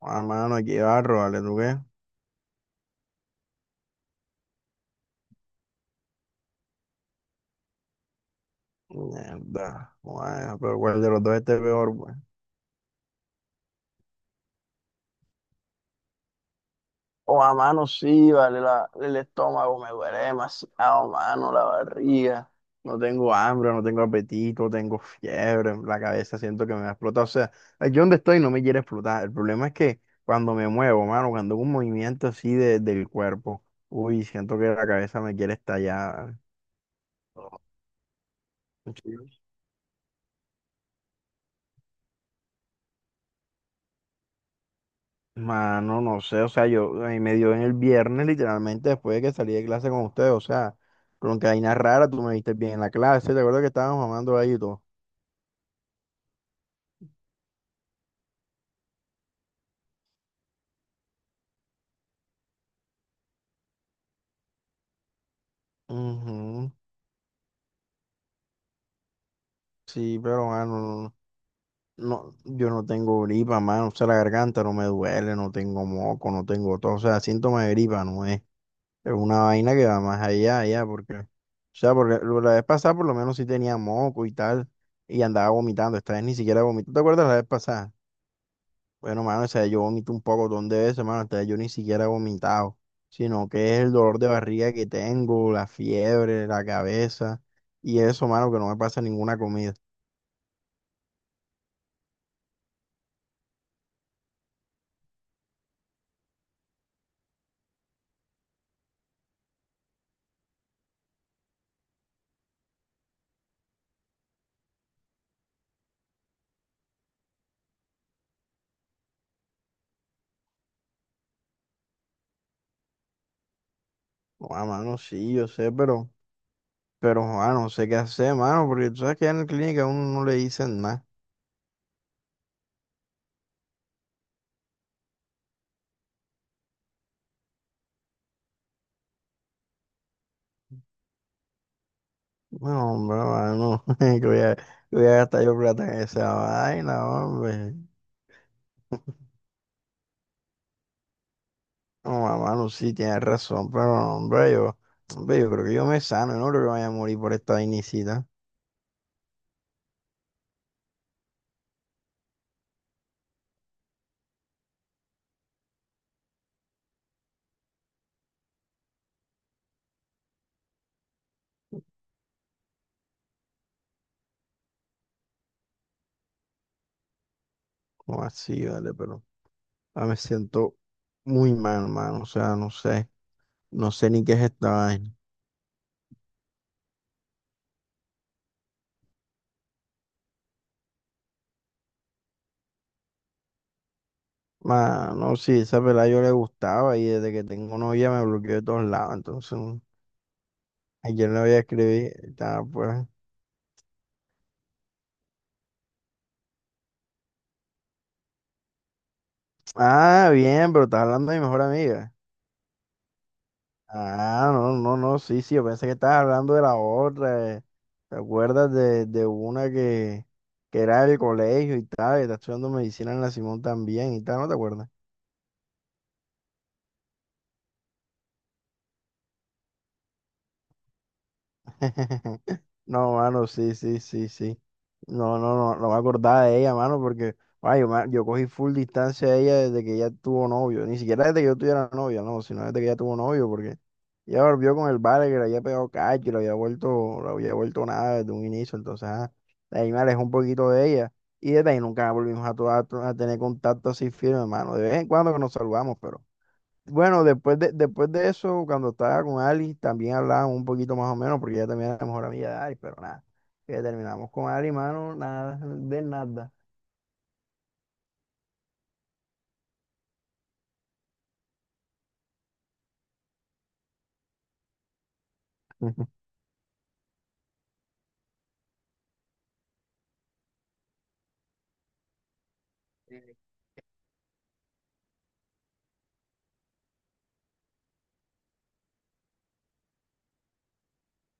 Mano, aquí barro, vale, ¿tú qué? Mierda. Bueno, pero ¿cuál de los dos esté peor, pues? Oh, a mano sí, vale, el estómago me duele demasiado, mano, la barriga. No tengo hambre, no tengo apetito, tengo fiebre, la cabeza siento que me va a explotar. O sea, aquí donde estoy no me quiere explotar. El problema es que cuando me muevo, mano, cuando hago un movimiento así del cuerpo, uy, siento que la cabeza me quiere estallar. Mano, no sé, o sea, yo ahí me dio en el viernes, literalmente después de que salí de clase con ustedes, o sea, con que vaina rara, tú me viste bien en la clase, te acuerdas que estábamos mamando ahí y todo. Ujú. Sí, pero mano, no, no, yo no tengo gripa, mano, o sea, la garganta no me duele, no tengo moco, no tengo todo, o sea, síntoma de gripa no es, es una vaina que va más allá, porque, o sea, porque la vez pasada por lo menos sí tenía moco y tal, y andaba vomitando, esta vez ni siquiera vomito, ¿te acuerdas la vez pasada? Bueno, mano, o sea, yo vomito un poco de veces, mano, hasta yo ni siquiera he vomitado, sino que es el dolor de barriga que tengo, la fiebre, la cabeza, y eso, mano, que no me pasa ninguna comida. No, mano, sí, yo sé, pero, mano, no sé qué hacer, mano, porque tú sabes que en la clínica a uno no le dicen nada. No, hombre, mano, que voy a gastar yo plata en esa vaina, hombre. No, mano, sí, tienes razón, pero, hombre, yo creo que yo me sano, yo no creo que vaya a morir por esta vainicita. No, así, vale, pero me siento muy mal, mano. O sea, no sé, no sé ni qué es esta vaina. Mano, sí, esa pelada yo le gustaba y desde que tengo novia me bloqueó de todos lados. Entonces, ayer le voy a escribir. Estaba pues. Ah, bien, pero estás hablando de mi mejor amiga. Ah, no, no, no, sí, sí, yo pensé que estabas hablando de la otra. ¿Te acuerdas de una que era del colegio y tal? Que está estudiando medicina en la Simón también y tal, ¿no te acuerdas? No, mano, sí, sí, sí, sí. No, no, no, no me acordaba de ella, mano, porque ay, yo cogí full distancia de ella desde que ella tuvo novio. Ni siquiera desde que yo tuviera novia, no, sino desde que ella tuvo novio, porque ella volvió con el vale que le había pegado cacho, y le había vuelto nada desde un inicio. Entonces, de ahí me alejé un poquito de ella. Y desde ahí nunca volvimos a, a tener contacto así firme, mano. De vez en cuando que nos saludamos, pero. Bueno, después de eso, cuando estaba con Ali, también hablábamos un poquito más o menos, porque ella también era mejor amiga de Ali, pero nada. Ya terminamos con Ali, mano, nada, de nada.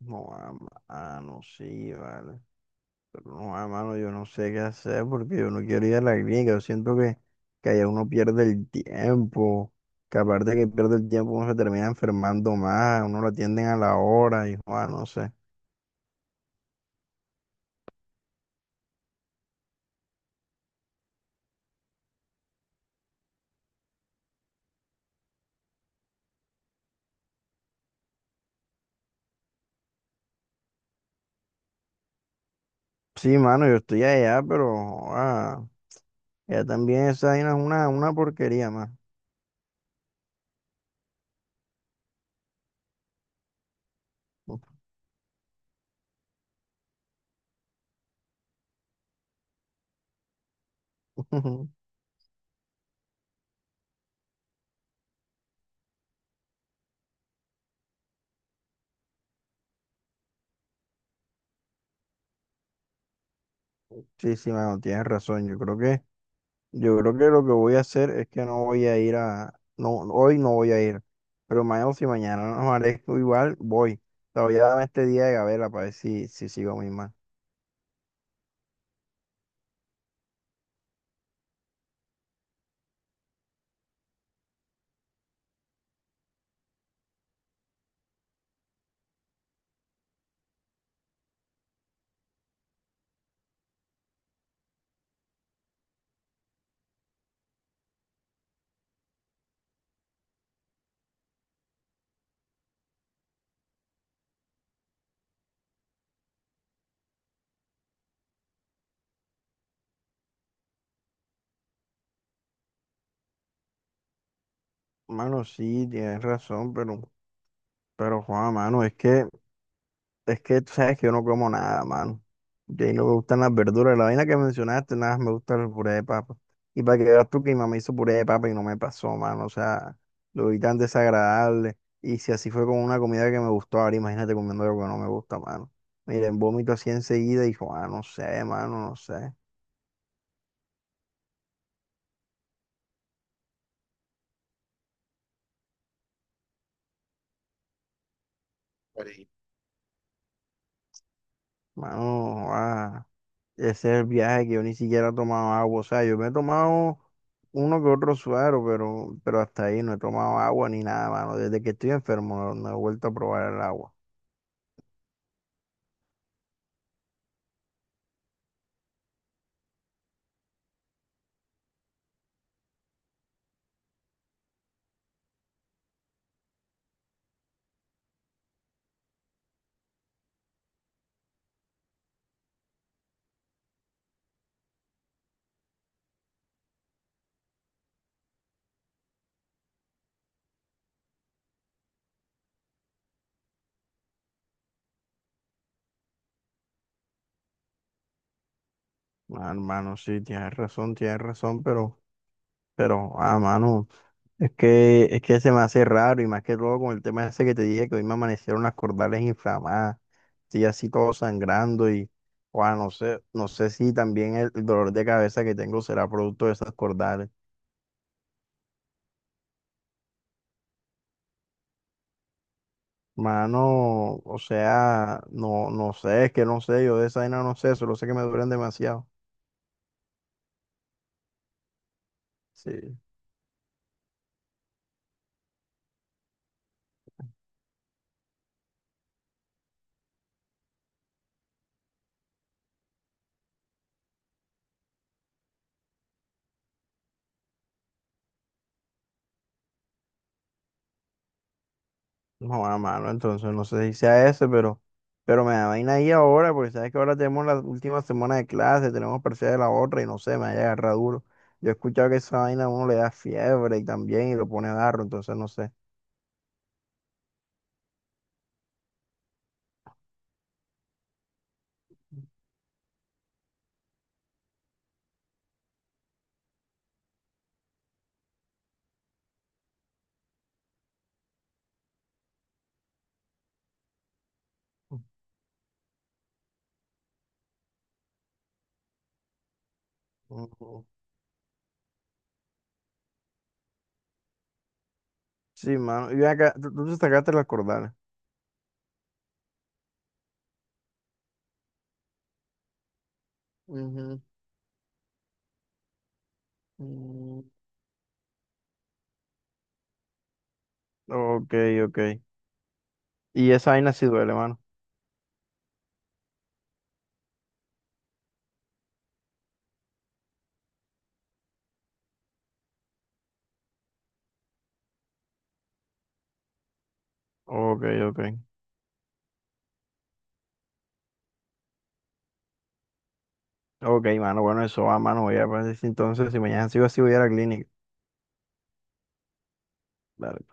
No, no, sí, vale. Pero no, mano, yo no sé qué hacer porque yo no quiero ir a la clínica. Yo siento que allá uno pierde el tiempo. Que aparte que pierde el tiempo, uno se termina enfermando más. Uno lo atienden a la hora y, no sé. Sí, mano, yo estoy allá, pero, ah, ya también esa vaina es una porquería más. Sí, sí, mano, tienes razón. Yo creo que lo que voy a hacer es que no voy a ir a, no, hoy no voy a ir. Pero mañana, si mañana no amanezco igual, voy. O sea, voy a darme este día de gabela para ver si, si sigo mi mal. Mano, sí, tienes razón, pero Juan, mano, es que tú sabes que yo no como nada, mano. Y ahí no me gustan las verduras. La vaina que mencionaste, nada, más me gusta el puré de papa. Y para que veas tú que mi mamá hizo puré de papa y no me pasó, mano. O sea, lo vi tan desagradable. Y si así fue con una comida que me gustó, ahora imagínate comiendo algo que no me gusta, mano. Miren, vómito así enseguida y dijo, no sé, mano, no sé. Ori- Mano, ah. Ese es el viaje que yo ni siquiera he tomado agua. O sea, yo me he tomado uno que otro suero, pero hasta ahí no he tomado agua ni nada, mano. Desde que estoy enfermo no, no he vuelto a probar el agua. Ah, hermano, sí, tienes razón, pero, mano, es que se me hace raro y más que todo con el tema ese que te dije que hoy me amanecieron las cordales inflamadas, sí, así todo sangrando y, no sé, no sé si también el dolor de cabeza que tengo será producto de esas cordales. Mano, o sea, no, no sé, es que no sé, yo de esa vaina no sé, solo sé que me duelen demasiado. Sí. No, a mano, entonces no sé si sea ese, pero me da vaina ahí ahora, porque sabes que ahora tenemos la última semana de clase, tenemos parcial de la otra y no sé, me haya agarrado duro. Yo he escuchado que esa vaina a uno le da fiebre y también y lo pone darro, entonces no sé. Ujú. Sí, mano. Y ven acá, tú te sacaste las cordales. Ujú. Mm. Ok, ok. Y esa vaina sí duele, mano. Ok, ok. Ok, mano, bueno, eso va, mano. Voy a ver si entonces, si mañana sigo así, voy a ir a la clínica. Dale.